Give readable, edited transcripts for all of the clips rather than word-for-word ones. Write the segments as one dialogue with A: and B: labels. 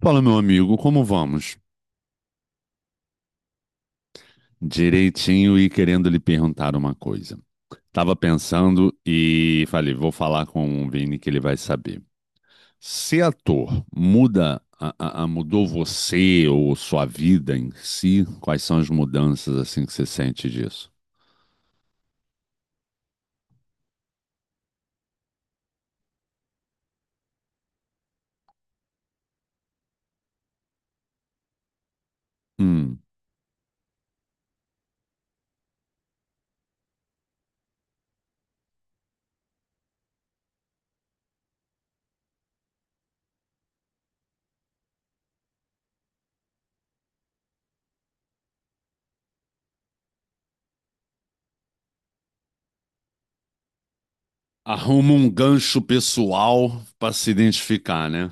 A: Fala, meu amigo, como vamos? Direitinho e querendo lhe perguntar uma coisa. Tava pensando e falei, vou falar com o Vini que ele vai saber. Ser ator muda, mudou você ou sua vida em si? Quais são as mudanças assim que você sente disso? Hum. Arruma um gancho pessoal para se identificar, né?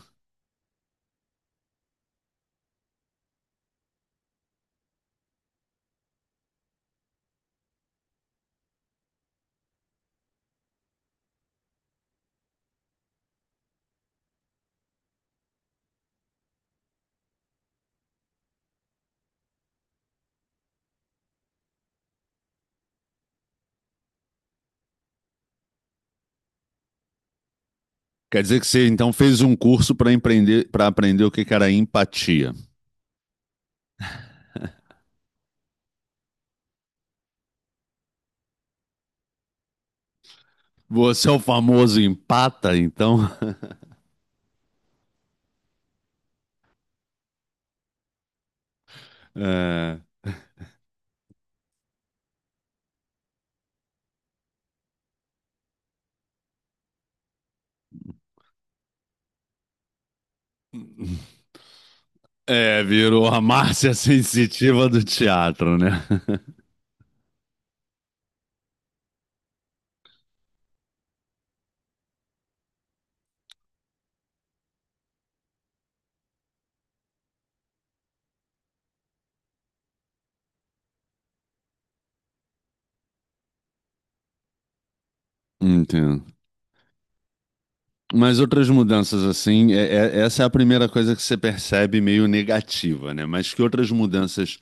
A: Quer dizer que você então fez um curso para empreender, para aprender o que que era empatia. Você é o famoso empata, então? É, Virou a Márcia sensitiva do teatro, né? Entendo. Mas outras mudanças assim, essa é a primeira coisa que você percebe meio negativa, né? Mas que outras mudanças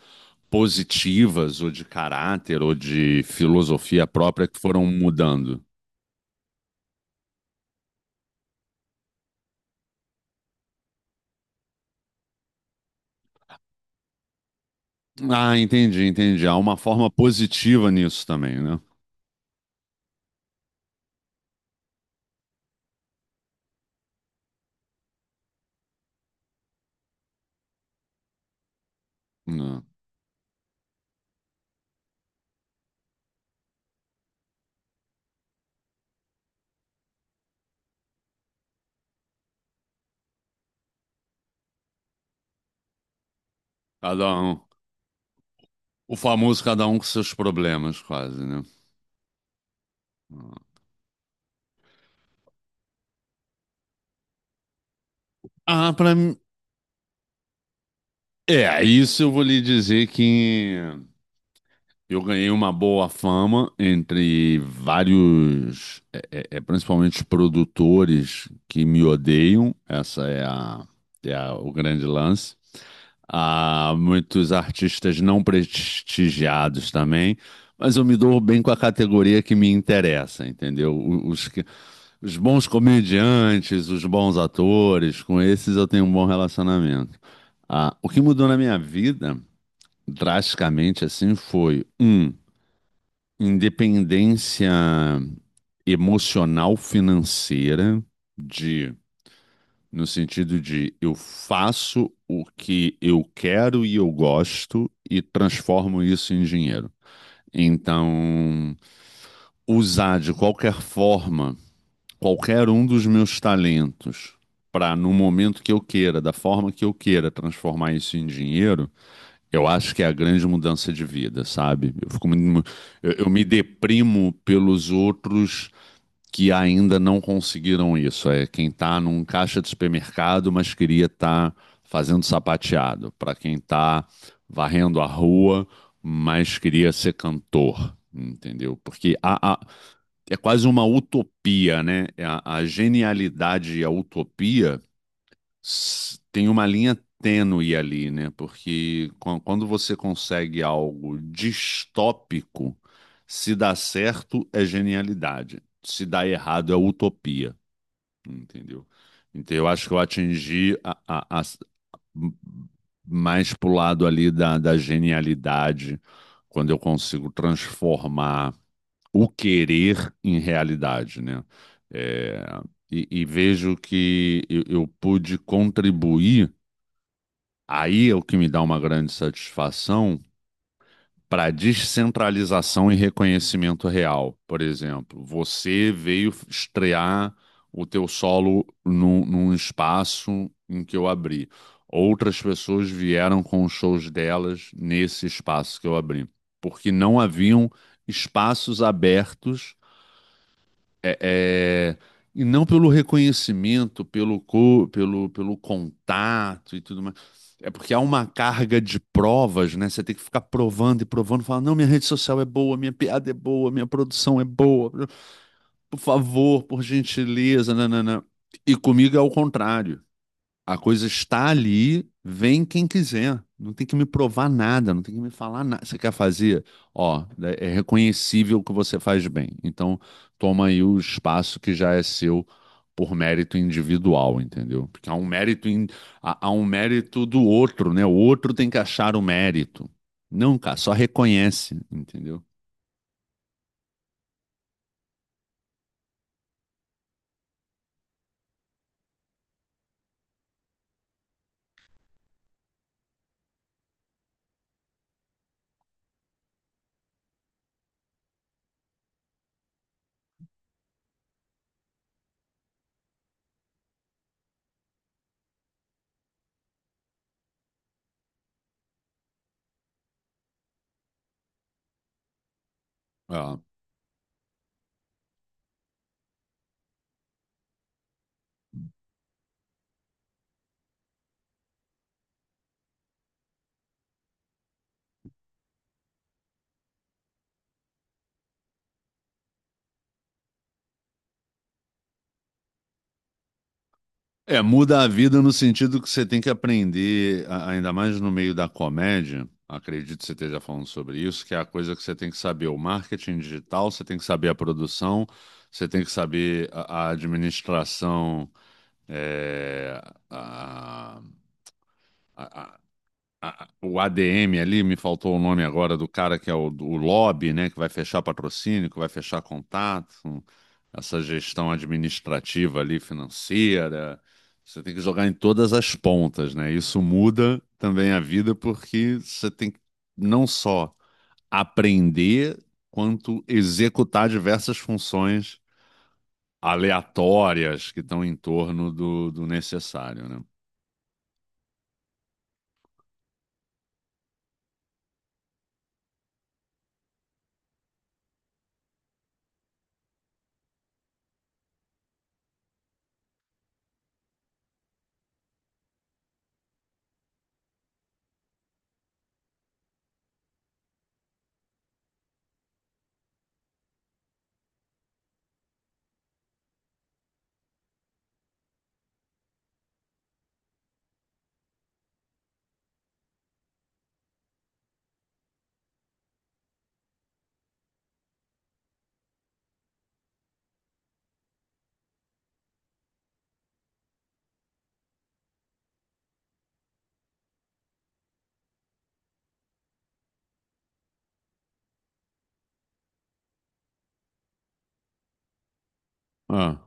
A: positivas, ou de caráter, ou de filosofia própria que foram mudando? Ah, entendi, entendi. Há uma forma positiva nisso também, né? Não. Cada um, o famoso cada um com seus problemas, quase, né? Ah, pra mim. É, isso eu vou lhe dizer que eu ganhei uma boa fama entre vários, principalmente produtores que me odeiam, essa é o grande lance. Há muitos artistas não prestigiados também, mas eu me dou bem com a categoria que me interessa, entendeu? Os, os bons comediantes, os bons atores, com esses eu tenho um bom relacionamento. Ah, o que mudou na minha vida, drasticamente assim, foi um. Independência emocional financeira, de, no sentido de eu faço o que eu quero e eu gosto e transformo isso em dinheiro. Então, usar de qualquer forma qualquer um dos meus talentos para, no momento que eu queira, da forma que eu queira, transformar isso em dinheiro, eu acho que é a grande mudança de vida, sabe? Eu fico muito, eu me deprimo pelos outros que ainda não conseguiram isso. É quem está num caixa de supermercado, mas queria estar fazendo sapateado. Para quem está varrendo a rua, mas queria ser cantor. Entendeu? Porque é quase uma utopia, né? É a genialidade e a utopia tem uma linha tênue ali, né? Porque quando você consegue algo distópico, se dá certo é genialidade, se dá errado é utopia, entendeu? Então eu acho que eu atingi m- mais pro lado ali da, da genialidade, quando eu consigo transformar o querer em realidade, né? É, e vejo que eu pude contribuir. Aí é o que me dá uma grande satisfação para descentralização e reconhecimento real. Por exemplo, você veio estrear o teu solo num, num espaço em que eu abri. Outras pessoas vieram com os shows delas nesse espaço que eu abri, porque não haviam espaços abertos, é, é, e não pelo reconhecimento, pelo contato e tudo mais. É porque há uma carga de provas, né? Você tem que ficar provando e provando, falar, não, minha rede social é boa, minha piada é boa, minha produção é boa, por favor, por gentileza, nananã. E comigo é o contrário. A coisa está ali, vem quem quiser. Não tem que me provar nada, não tem que me falar nada. Você quer fazer? Ó, é reconhecível que você faz bem. Então, toma aí o espaço que já é seu por mérito individual, entendeu? Porque há um mérito, há um mérito do outro, né? O outro tem que achar o mérito. Não, cara, só reconhece, entendeu? É. É, muda a vida no sentido que você tem que aprender, ainda mais no meio da comédia, acredito que você esteja falando sobre isso, que é a coisa que você tem que saber o marketing digital, você tem que saber a produção, você tem que saber a administração, é, a- o ADM ali, me faltou o nome agora do cara que é o lobby, né, que vai fechar patrocínio, que vai fechar contato, essa gestão administrativa ali, financeira. Você tem que jogar em todas as pontas, né? Isso muda também a vida porque você tem que não só aprender, quanto executar diversas funções aleatórias que estão em torno do, do necessário, né? Ah.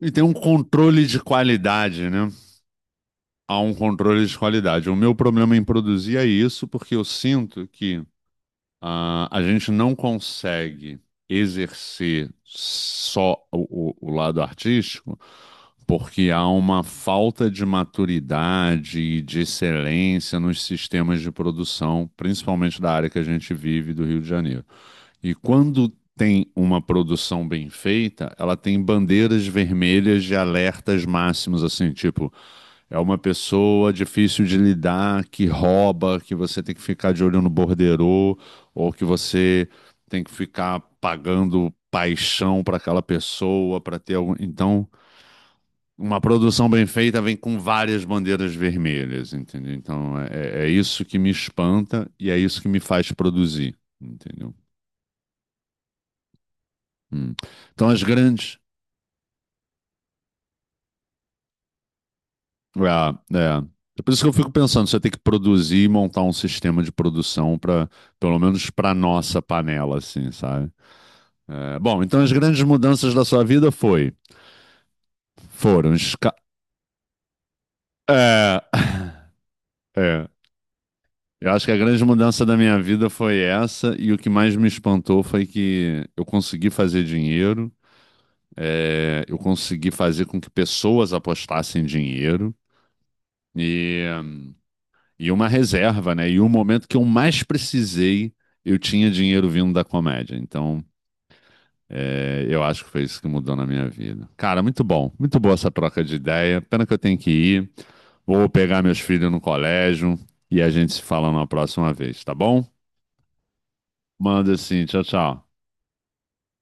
A: E tem um controle de qualidade, né? Há um controle de qualidade. O meu problema em produzir é isso, porque eu sinto que, ah, a gente não consegue exercer só o lado artístico, porque há uma falta de maturidade e de excelência nos sistemas de produção, principalmente da área que a gente vive do Rio de Janeiro. E quando tem uma produção bem feita, ela tem bandeiras vermelhas de alertas máximos, assim, tipo. É uma pessoa difícil de lidar, que rouba, que você tem que ficar de olho no borderô, ou que você tem que ficar pagando paixão para aquela pessoa, para ter algum. Então, uma produção bem feita vem com várias bandeiras vermelhas, entendeu? Então, é isso que me espanta e é isso que me faz produzir, entendeu? Hum. Então, as grandes. É, é. É por isso que eu fico pensando, você tem que produzir e montar um sistema de produção para, pelo menos para nossa panela, assim, sabe? É, bom, então as grandes mudanças da sua vida foi, foram, é, é. Eu acho que a grande mudança da minha vida foi essa e o que mais me espantou foi que eu consegui fazer dinheiro, é, eu consegui fazer com que pessoas apostassem dinheiro. e E uma reserva, né? E o momento que eu mais precisei, eu tinha dinheiro vindo da comédia. Então, é, eu acho que foi isso que mudou na minha vida. Cara, muito bom. Muito boa essa troca de ideia. Pena que eu tenho que ir. Vou pegar meus filhos no colégio e a gente se fala na próxima vez, tá bom? Manda assim. Tchau, tchau.